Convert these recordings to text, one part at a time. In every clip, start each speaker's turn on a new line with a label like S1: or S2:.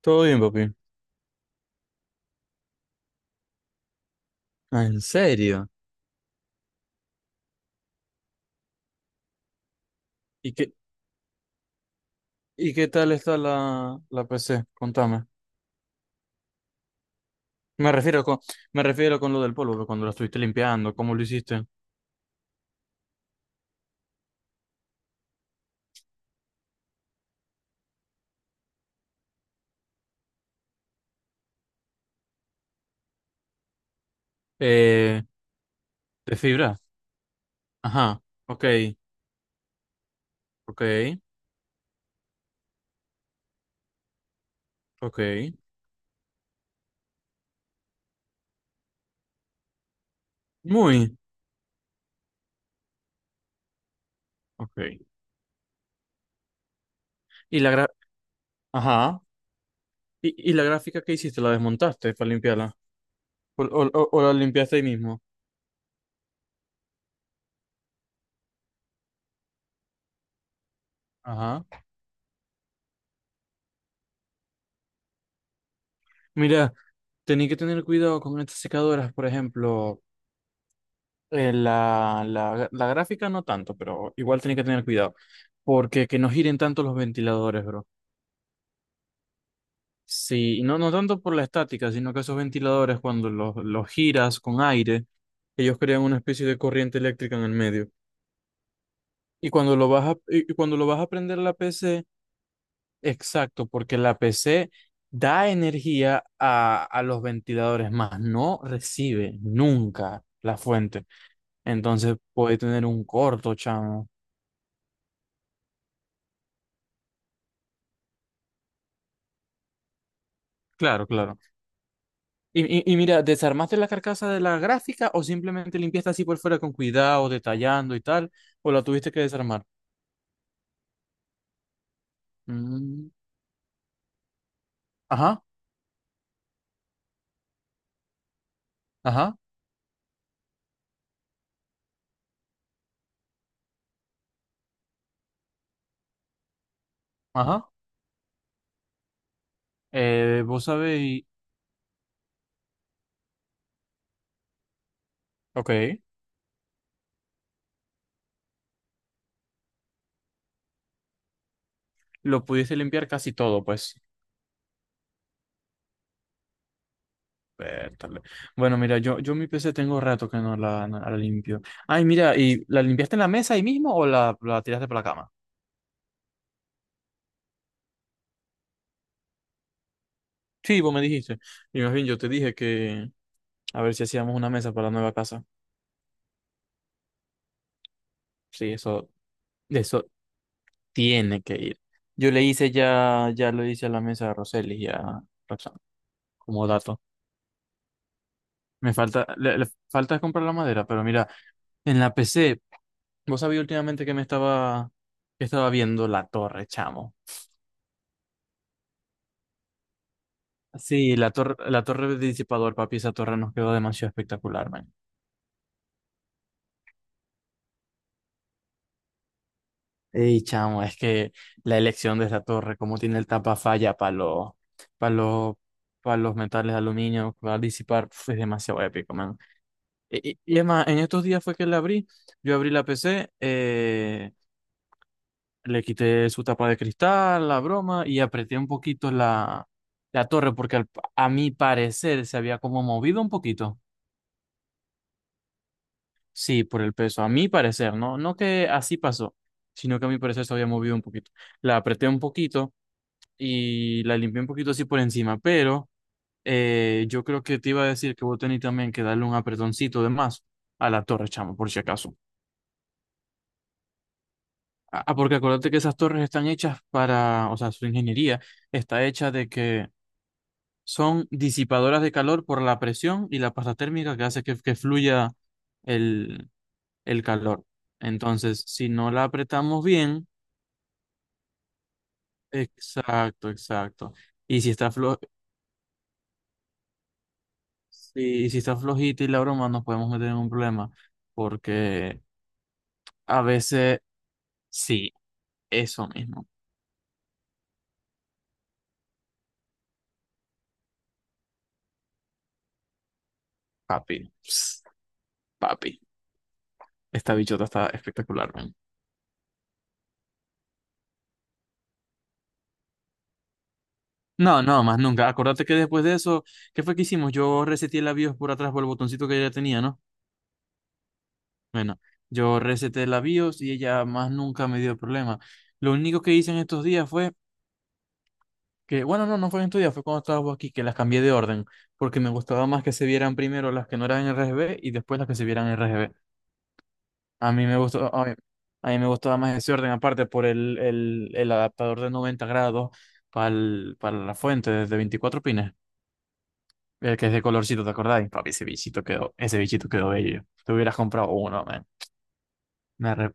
S1: Todo bien, papi. Ah, ¿en serio? ¿Y qué, y qué tal está la PC? Contame. Me refiero con, me refiero con lo del polvo, que cuando la estuviste limpiando, ¿cómo lo hiciste? Eh, ¿De fibra? Ajá. Ok, ok, ok. Muy. Ok. ¿Y la gra- Ajá. ¿Y la gráfica que hiciste? ¿La desmontaste para limpiarla? ¿O la limpiaste ahí mismo? Ajá. Mira, tenés que tener cuidado con estas secadoras, por ejemplo. La gráfica no tanto, pero igual tenés que tener cuidado. Porque que no giren tanto los ventiladores, bro. Sí, y no, no tanto por la estática, sino que esos ventiladores, cuando los giras con aire, ellos crean una especie de corriente eléctrica en el medio. Y cuando lo vas a prender la PC, exacto, porque la PC da energía a los ventiladores, más no recibe nunca la fuente. Entonces puede tener un corto, chamo. Claro, claro. Y, y mira, ¿desarmaste la carcasa de la gráfica o simplemente limpiaste así por fuera con cuidado, detallando y tal? ¿O la tuviste que desarmar? Mm, ajá, ajá, ajá. Vos sabéis, ok, lo pudiste limpiar casi todo, pues. Vértale. Bueno, mira, yo mi PC tengo rato que no la limpio. Ay, mira, ¿y la limpiaste en la mesa ahí mismo o la tiraste para la cama? Sí, vos me dijiste. Y más bien yo te dije que a ver si hacíamos una mesa para la nueva casa. Sí, eso. Tiene que ir. Yo le hice ya lo hice a la mesa de Roseli y a Roxanne, como dato. Me falta, le falta comprar la madera, pero mira, en la PC, vos sabías últimamente que me estaba, que estaba viendo la torre, chamo. Sí, la torre de disipador, papi, esa torre nos quedó demasiado espectacular, man. Ey, chamo, es que la elección de esa torre, como tiene el tapa falla para para los, para los metales de aluminio, que va a disipar, pf, es demasiado épico, man. Y es más, en estos días fue que la abrí. Yo abrí la PC, le quité su tapa de cristal, la broma, y apreté un poquito la torre, a mi parecer se había como movido un poquito. Sí, por el peso, a mi parecer, no, no que así pasó, sino que a mi parecer se había movido un poquito. La apreté un poquito y la limpié un poquito así por encima, pero yo creo que te iba a decir que vos tenés también que darle un apretoncito de más a la torre, chamo, por si acaso. Ah, ah, porque acuérdate que esas torres están hechas para, o sea, su ingeniería está hecha de que son disipadoras de calor por la presión y la pasta térmica que hace que fluya el, el calor. Entonces, si no la apretamos bien, exacto, exacto. Y si está flo- si, si está flojita y la broma, nos podemos meter en un problema, porque a veces, sí, eso mismo, papi, ps, papi, esta bichota está espectacular, man. No, no, más nunca. Acordate que después de eso, ¿qué fue que hicimos? Yo reseté la BIOS por atrás por el botoncito que ella tenía, ¿no? Bueno, yo reseté la BIOS y ella más nunca me dio problema. Lo único que hice en estos días fue que, bueno, no, no fue en estos días, fue cuando estaba vos aquí, que las cambié de orden, porque me gustaba más que se vieran primero las que no eran RGB y después las que se vieran RGB. A mí me gustó, a mí me gustaba más ese orden, aparte por el adaptador de 90 grados para la fuente de 24 pines. El que es de colorcito, ¿te acordáis? Papi, ese bichito quedó bello. Te hubieras comprado uno, man. Me, arre-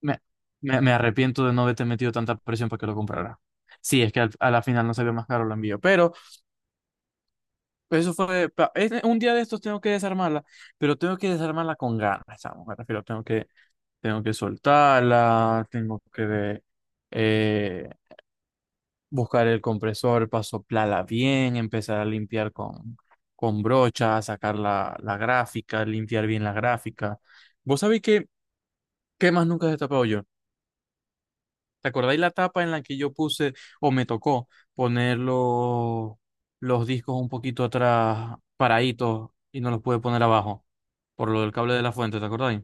S1: me, me arrepiento de no haberte metido tanta presión para que lo comprara. Sí, es que a la final no salió más caro el envío. Pero eso fue. Un día de estos tengo que desarmarla, pero tengo que desarmarla con ganas, chamo. Me refiero, tengo que soltarla, tengo que. eh, buscar el compresor, pasoplarla bien, empezar a limpiar con brocha, sacar la gráfica, limpiar bien la gráfica. ¿Vos sabéis qué más nunca he destapado yo? ¿Te acordáis la tapa en la que yo puse o me tocó poner los discos un poquito atrás, paraditos, y no los pude poner abajo por lo del cable de la fuente, ¿te acordáis?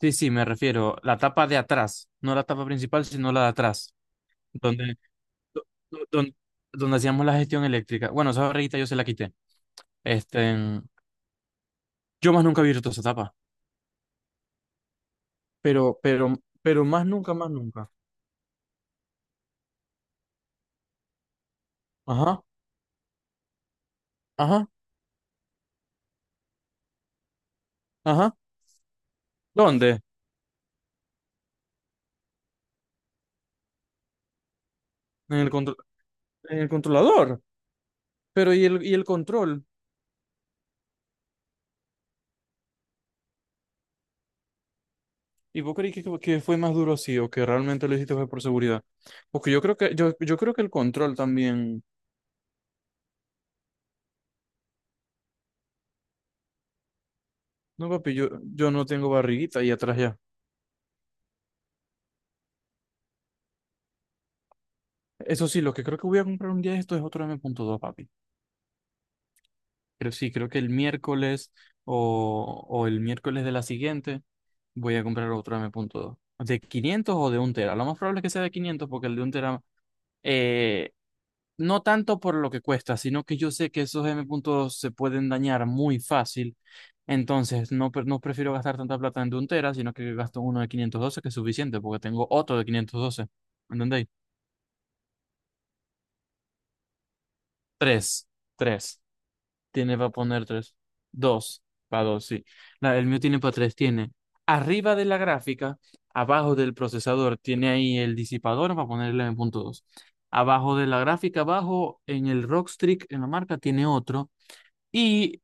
S1: Sí, sí, me refiero, la tapa de atrás, no la tapa principal, sino la de atrás. Donde, do- do- don- donde hacíamos la gestión eléctrica. Bueno, esa barriguita yo se la quité. Este, yo más nunca he visto esa etapa. Pero, pero, pero más nunca, más nunca. Ajá, ajá, ajá. ¿Dónde? En el contro- en el controlador. Pero ¿y y el control? ¿Y vos creí que fue más duro así o que realmente lo hiciste fue por seguridad? Porque yo creo que, yo creo que el control también. No, papi, yo no tengo barriguita y atrás ya. Eso sí, lo que creo que voy a comprar un día de esto es otro M.2, papi. Pero sí, creo que el miércoles o el miércoles de la siguiente voy a comprar otro M punto dos. ¿De 500 o de 1 tera? Lo más probable es que sea de 500 porque el de 1 tera, eh, no tanto por lo que cuesta, sino que yo sé que esos M punto dos se pueden dañar muy fácil. Entonces, no prefiero gastar tanta plata en de 1 tera, sino que gasto uno de 512 que es suficiente porque tengo otro de 512. ¿Entendéis? Tres, tres. Tiene para poner tres. Dos. Para dos, sí. La- el mío tiene para tres. Tiene arriba de la gráfica, abajo del procesador, tiene ahí el disipador para ponerle en punto dos. Abajo de la gráfica, abajo en el Rockstrix, en la marca, tiene otro. Y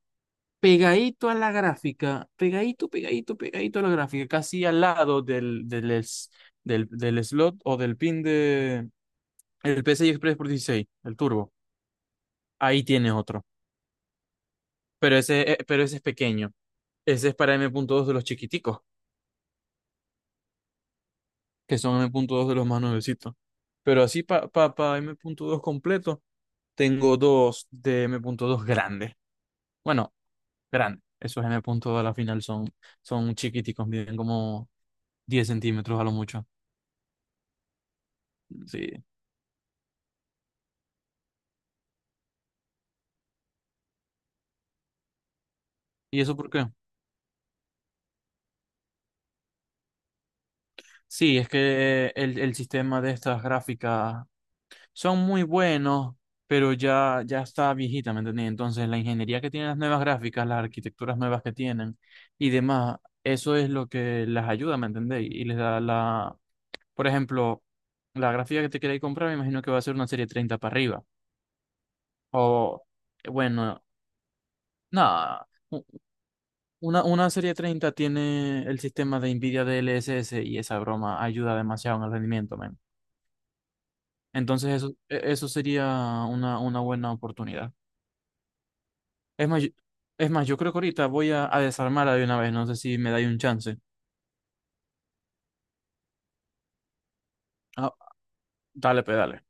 S1: pegadito a la gráfica, pegadito, pegadito, pegadito a la gráfica, casi al lado del slot o del pin de el PCI Express por 16 el turbo. Ahí tiene otro. Pero ese es pequeño. Ese es para m punto dos de los chiquiticos, que son m punto dos de los más nuevecitos. Pero así para pa M punto dos completo, tengo dos de m punto dos grandes. Bueno, grandes. Esos m punto dos a la final son, son chiquiticos, miden como 10 centímetros a lo mucho. Sí. ¿Y eso por qué? Sí, es que el sistema de estas gráficas son muy buenos, pero ya, ya está viejita, ¿me entendés? Entonces, la ingeniería que tienen las nuevas gráficas, las arquitecturas nuevas que tienen y demás, eso es lo que las ayuda, ¿me entendés? Y les da la, por ejemplo, la gráfica que te queréis comprar, me imagino que va a ser una serie 30 para arriba. O, bueno, nada, u- una serie 30 tiene el sistema de NVIDIA DLSS y esa broma ayuda demasiado en el rendimiento. Eso sería una buena oportunidad. Es más, es más, yo creo que ahorita voy a desarmarla de una vez, no sé si me dais un chance. Ah, dale, pedale.